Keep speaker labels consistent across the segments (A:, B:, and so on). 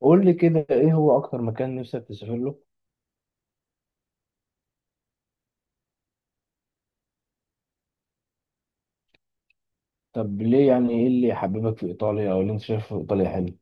A: قول لي كده، ايه هو اكتر مكان نفسك تسافر له؟ طب ليه؟ يعني ايه اللي حببك في ايطاليا او اللي انت شايفه في ايطاليا حلو؟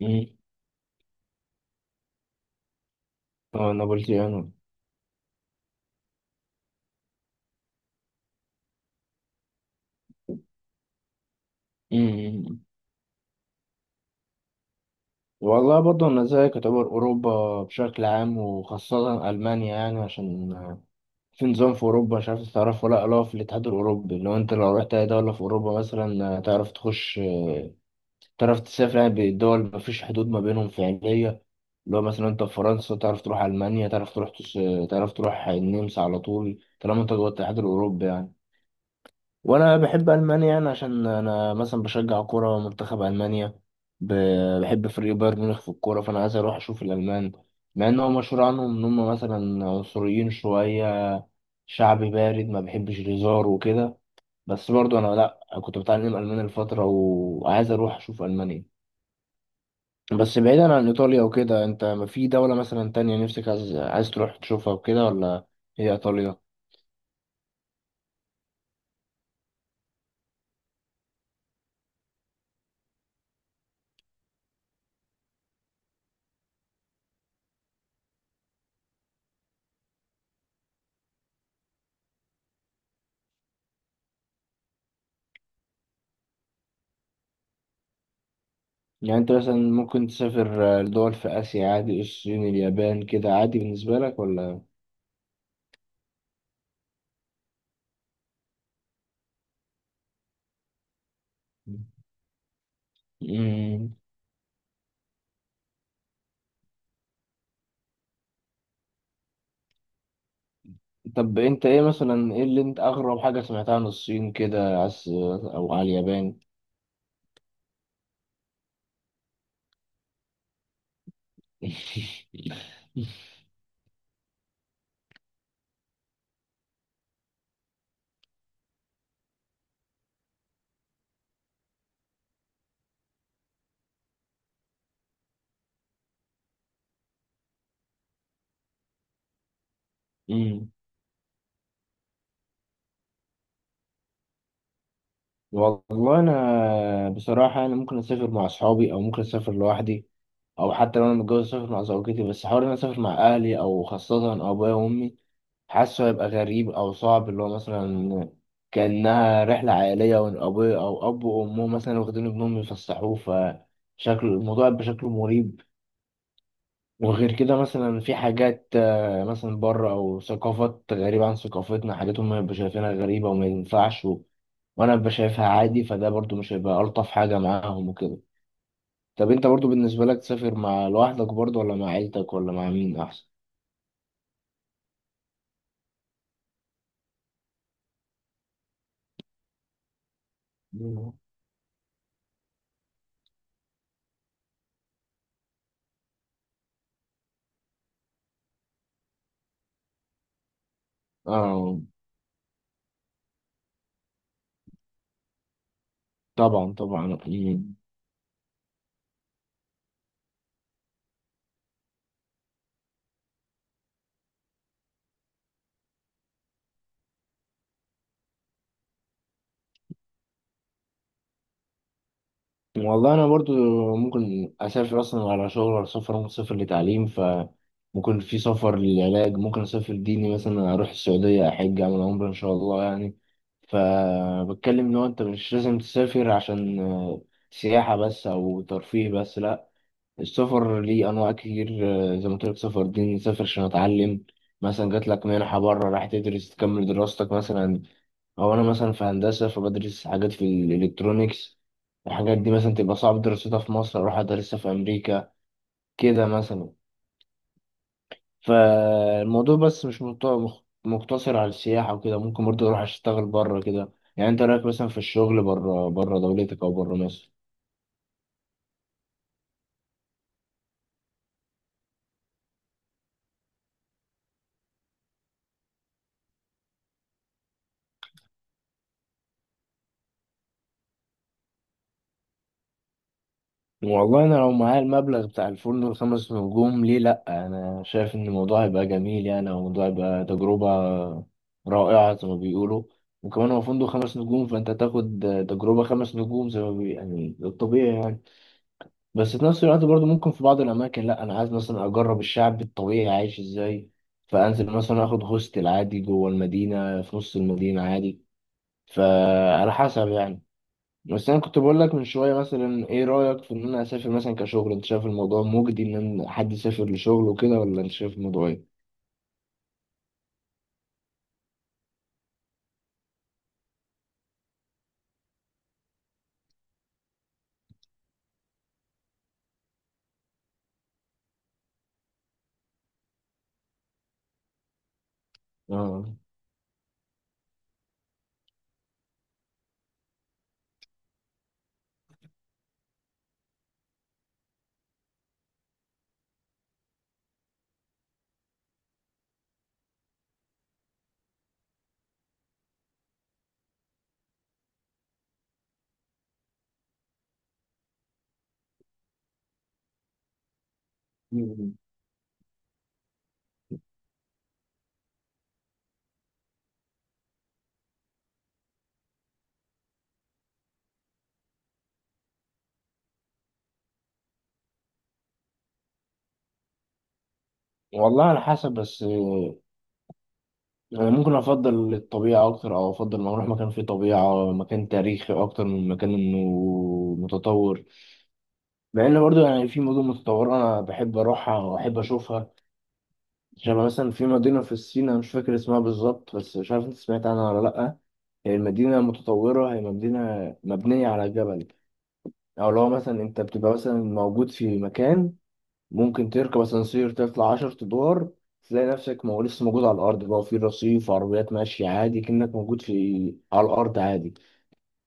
A: امم اه، نابولتيانو. امم والله برضه انا زيك، يعتبر اوروبا بشكل عام وخاصه المانيا، يعني عشان في نظام في اوروبا، مش عارف تعرف ولا لا، اللي هو في الاتحاد الاوروبي. لو رحت اي دوله في اوروبا مثلا تعرف تخش، تعرف تسافر، يعني بالدول مفيش حدود ما بينهم فعلية. اللي هو مثلا انت في فرنسا تعرف تروح ألمانيا، تعرف تروح تعرف تروح النمسا على طول طالما انت جوه الاتحاد الأوروبي يعني. وأنا بحب ألمانيا يعني عشان أنا مثلا بشجع كورة منتخب ألمانيا. ب... بحب فريق بايرن ميونخ في الكورة، فأنا عايز أروح أشوف الألمان، مع إن هو مشهور عنهم إن هم مثلا عنصريين شوية، شعب بارد ما بيحبش الهزار وكده. بس برضه أنا لأ، كنت بتعلم ألماني الفترة وعايز أروح أشوف ألمانيا. بس بعيدا عن ايطاليا وكده، انت ما في دولة مثلا تانية نفسك عايز تروح تشوفها وكده ولا هي ايطاليا؟ يعني انت مثلا ممكن تسافر لدول في اسيا عادي، الصين، اليابان، كده عادي بالنسبة لك ولا؟ مم. طب انت ايه مثلا، ايه اللي انت اغرب حاجة سمعتها عن الصين كده او على اليابان؟ مم. والله انا بصراحه، انا ممكن اسافر مع اصحابي او ممكن اسافر لوحدي، او حتى لو انا متجوز اسافر مع زوجتي. بس حوار إن انا اسافر مع اهلي او خاصه ابويا وامي، حاسه هيبقى غريب او صعب. اللي هو مثلا كانها رحله عائليه، وان ابويا او اب وامه مثلا واخدين ابنهم يفسحوه، فشكل الموضوع يبقى شكله مريب. وغير كده مثلا في حاجات مثلا بره، او ثقافات غريبه عن ثقافتنا، حاجات هم يبقوا شايفينها غريبه وما ينفعش، وانا ببقى شايفها عادي، فده برضو مش هيبقى الطف حاجه معاهم وكده. طب انت برضو بالنسبه لك، تسافر مع لوحدك برضو ولا مع عيلتك ولا مع مين احسن؟ اه، طبعا طبعا. مم. والله انا برضو، ممكن اسافر اصلا على شغل، ولا سفر، ممكن اسافر لتعليم، ف ممكن في سفر للعلاج، ممكن اسافر ديني مثلا اروح السعوديه احج اعمل عمره ان شاء الله يعني. فبتكلم ان هو انت مش لازم تسافر عشان سياحه بس او ترفيه بس، لا، السفر ليه انواع كتير. زي ما قلت لك، سفر دين، نسافر عشان اتعلم مثلا، جات لك منحه بره راح تدرس تكمل دراستك مثلا، او انا مثلا في هندسه فبدرس حاجات في الالكترونيكس، الحاجات دي مثلا تبقى صعب دراستها في مصر اروح ادرسها في امريكا كده مثلا. فالموضوع بس مش مقتصر على السياحه وكده، ممكن برضه اروح اشتغل بره كده. يعني انت رايك مثلا في الشغل بره دولتك او بره مصر؟ والله انا لو معايا المبلغ بتاع الفندق الخمس نجوم، ليه لا، انا شايف ان الموضوع هيبقى جميل يعني، او الموضوع هيبقى تجربة رائعة زي ما بيقولوا. وكمان هو فندق خمس نجوم فانت هتاخد تجربة خمس نجوم زي ما يعني الطبيعي يعني. بس في نفس الوقت برضو ممكن في بعض الاماكن لا، انا عايز مثلا اجرب الشعب الطبيعي عايش ازاي، فانزل مثلا اخد هوستل عادي جوه المدينة في نص المدينة عادي، فعلى حسب يعني. بس انا كنت بقول لك من شويه، مثلا ايه رايك في ان انا اسافر مثلا كشغل؟ انت شايف الموضوع مجدي ان حد يسافر لشغل وكده، ولا انت شايف الموضوع ايه؟ اه. مم. والله على حسب، بس انا ممكن افضل الطبيعه اكتر، او افضل ما اروح مكان فيه طبيعه، مكان تاريخي اكتر من مكان انه متطور. مع ان برضو يعني في مدن متطوره انا بحب اروحها واحب اشوفها. شبه مثلا في مدينة في الصين أنا مش فاكر اسمها بالظبط، بس مش عارف أنت سمعت عنها ولا لأ. هي المدينة متطورة، هي مدينة مبنية على جبل. أو لو مثلا أنت بتبقى مثلا موجود في مكان، ممكن تركب أسانسير تطلع 10 أدوار، تلاقي نفسك مو لسه موجود على الأرض، بقى في رصيف عربيات ماشية عادي كأنك موجود في على الأرض عادي.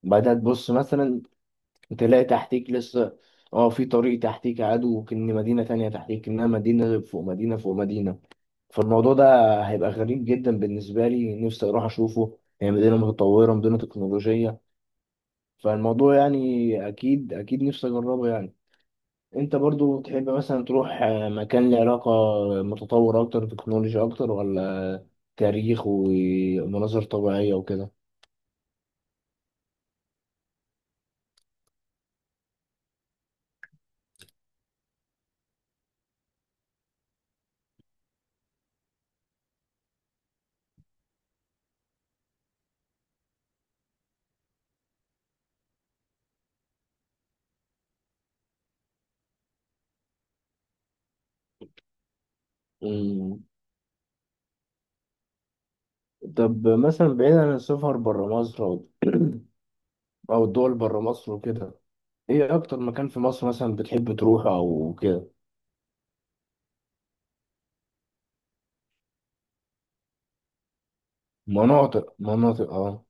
A: بعدها تبص مثلا تلاقي تحتيك لسه، اه، في طريق تحتيك عدو كأن مدينة تانية تحتيك، إنها مدينة فوق مدينة فوق مدينة. فالموضوع ده هيبقى غريب جدا بالنسبة لي، نفسي أروح أشوفه، هي مدينة متطورة، مدينة تكنولوجية، فالموضوع يعني أكيد أكيد نفسي أجربه يعني. أنت برضو تحب مثلا تروح مكان له علاقة، متطور أكتر تكنولوجيا أكتر، ولا تاريخ ومناظر طبيعية وكده؟ مم. طب مثلا بعيد عن السفر برا مصر، أو الدول برا مصر وكده، إيه أكتر مكان في مصر مثلا بتحب تروحه أو كده؟ مناطق، أه.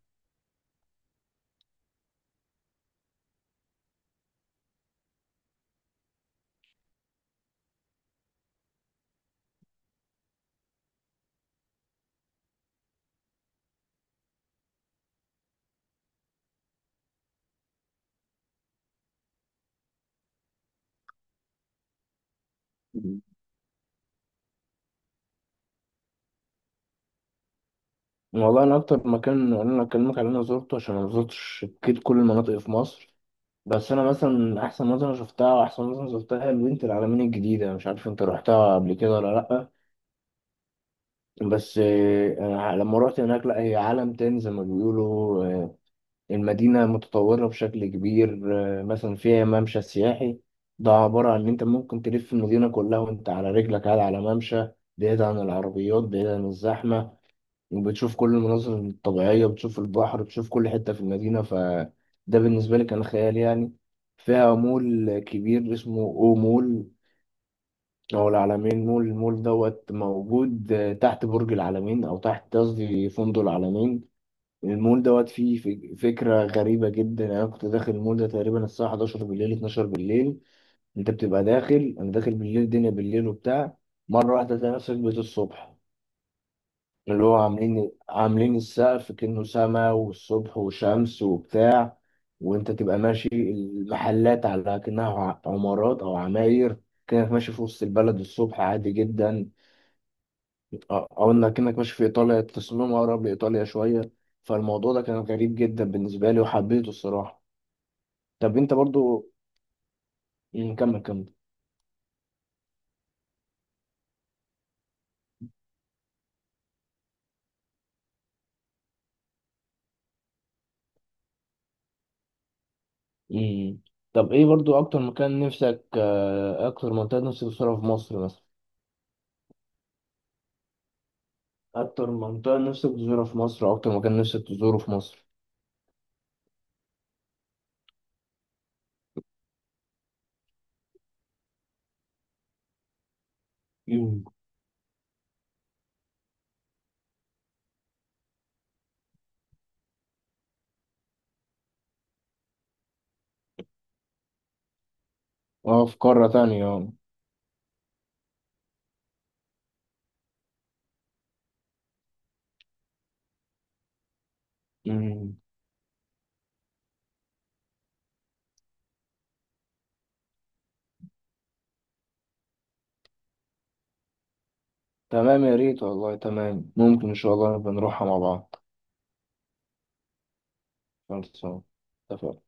A: والله انا اكتر مكان انا اكلمك على اللي انا زرته عشان انا ما زرتش اكيد كل المناطق في مصر. بس انا مثلا احسن منطقه شفتها واحسن منطقه زرتها هي بنت العلمين الجديده، مش عارف انت روحتها قبل كده ولا لا. بس أنا لما روحت هناك، لا هي عالم تاني زي ما بيقولوا. المدينه متطوره بشكل كبير. مثلا فيها ممشى سياحي، ده عباره عن ان انت ممكن تلف المدينه كلها وانت على رجلك، قاعد على ممشى بعيد عن العربيات بعيد عن الزحمه، وبتشوف كل المناظر الطبيعية، بتشوف البحر، بتشوف كل حتة في المدينة، فده بالنسبة لي كان خيال يعني. فيها مول كبير اسمه او مول او العلمين مول، المول دوت موجود تحت برج العلمين، او تحت قصدي فندق العلمين. المول دوت فيه فكرة غريبة جدا. انا كنت داخل المول ده تقريبا الساعة 11 بالليل، 12 بالليل. انت بتبقى داخل انا داخل بالليل الدنيا بالليل وبتاع، مرة واحدة تلاقي نفسك بقيت الصبح. اللي هو عاملين السقف كأنه سما والصبح وشمس وبتاع، وانت تبقى ماشي المحلات على كأنها عمارات او عماير، كأنك ماشي في وسط البلد الصبح عادي جدا. اه، او انك كأنك ماشي في ايطاليا، التصميم اقرب لايطاليا شوية. فالموضوع ده كان غريب جدا بالنسبة لي وحبيته الصراحة. طب انت برضو. كمل كمل. مم. طب ايه برضو اكتر منطقة نفسك تزورها في مصر مثلا؟ أكتر منطقة نفسك تزورها في مصر أو أكتر مكان نفسك تزوره في مصر؟ مم. أه، في قارة تانية، أه. مم. تمام يا ريت والله، تمام، ممكن إن شاء الله نبقى نروحها مع بعض. خلصان. اتفقنا.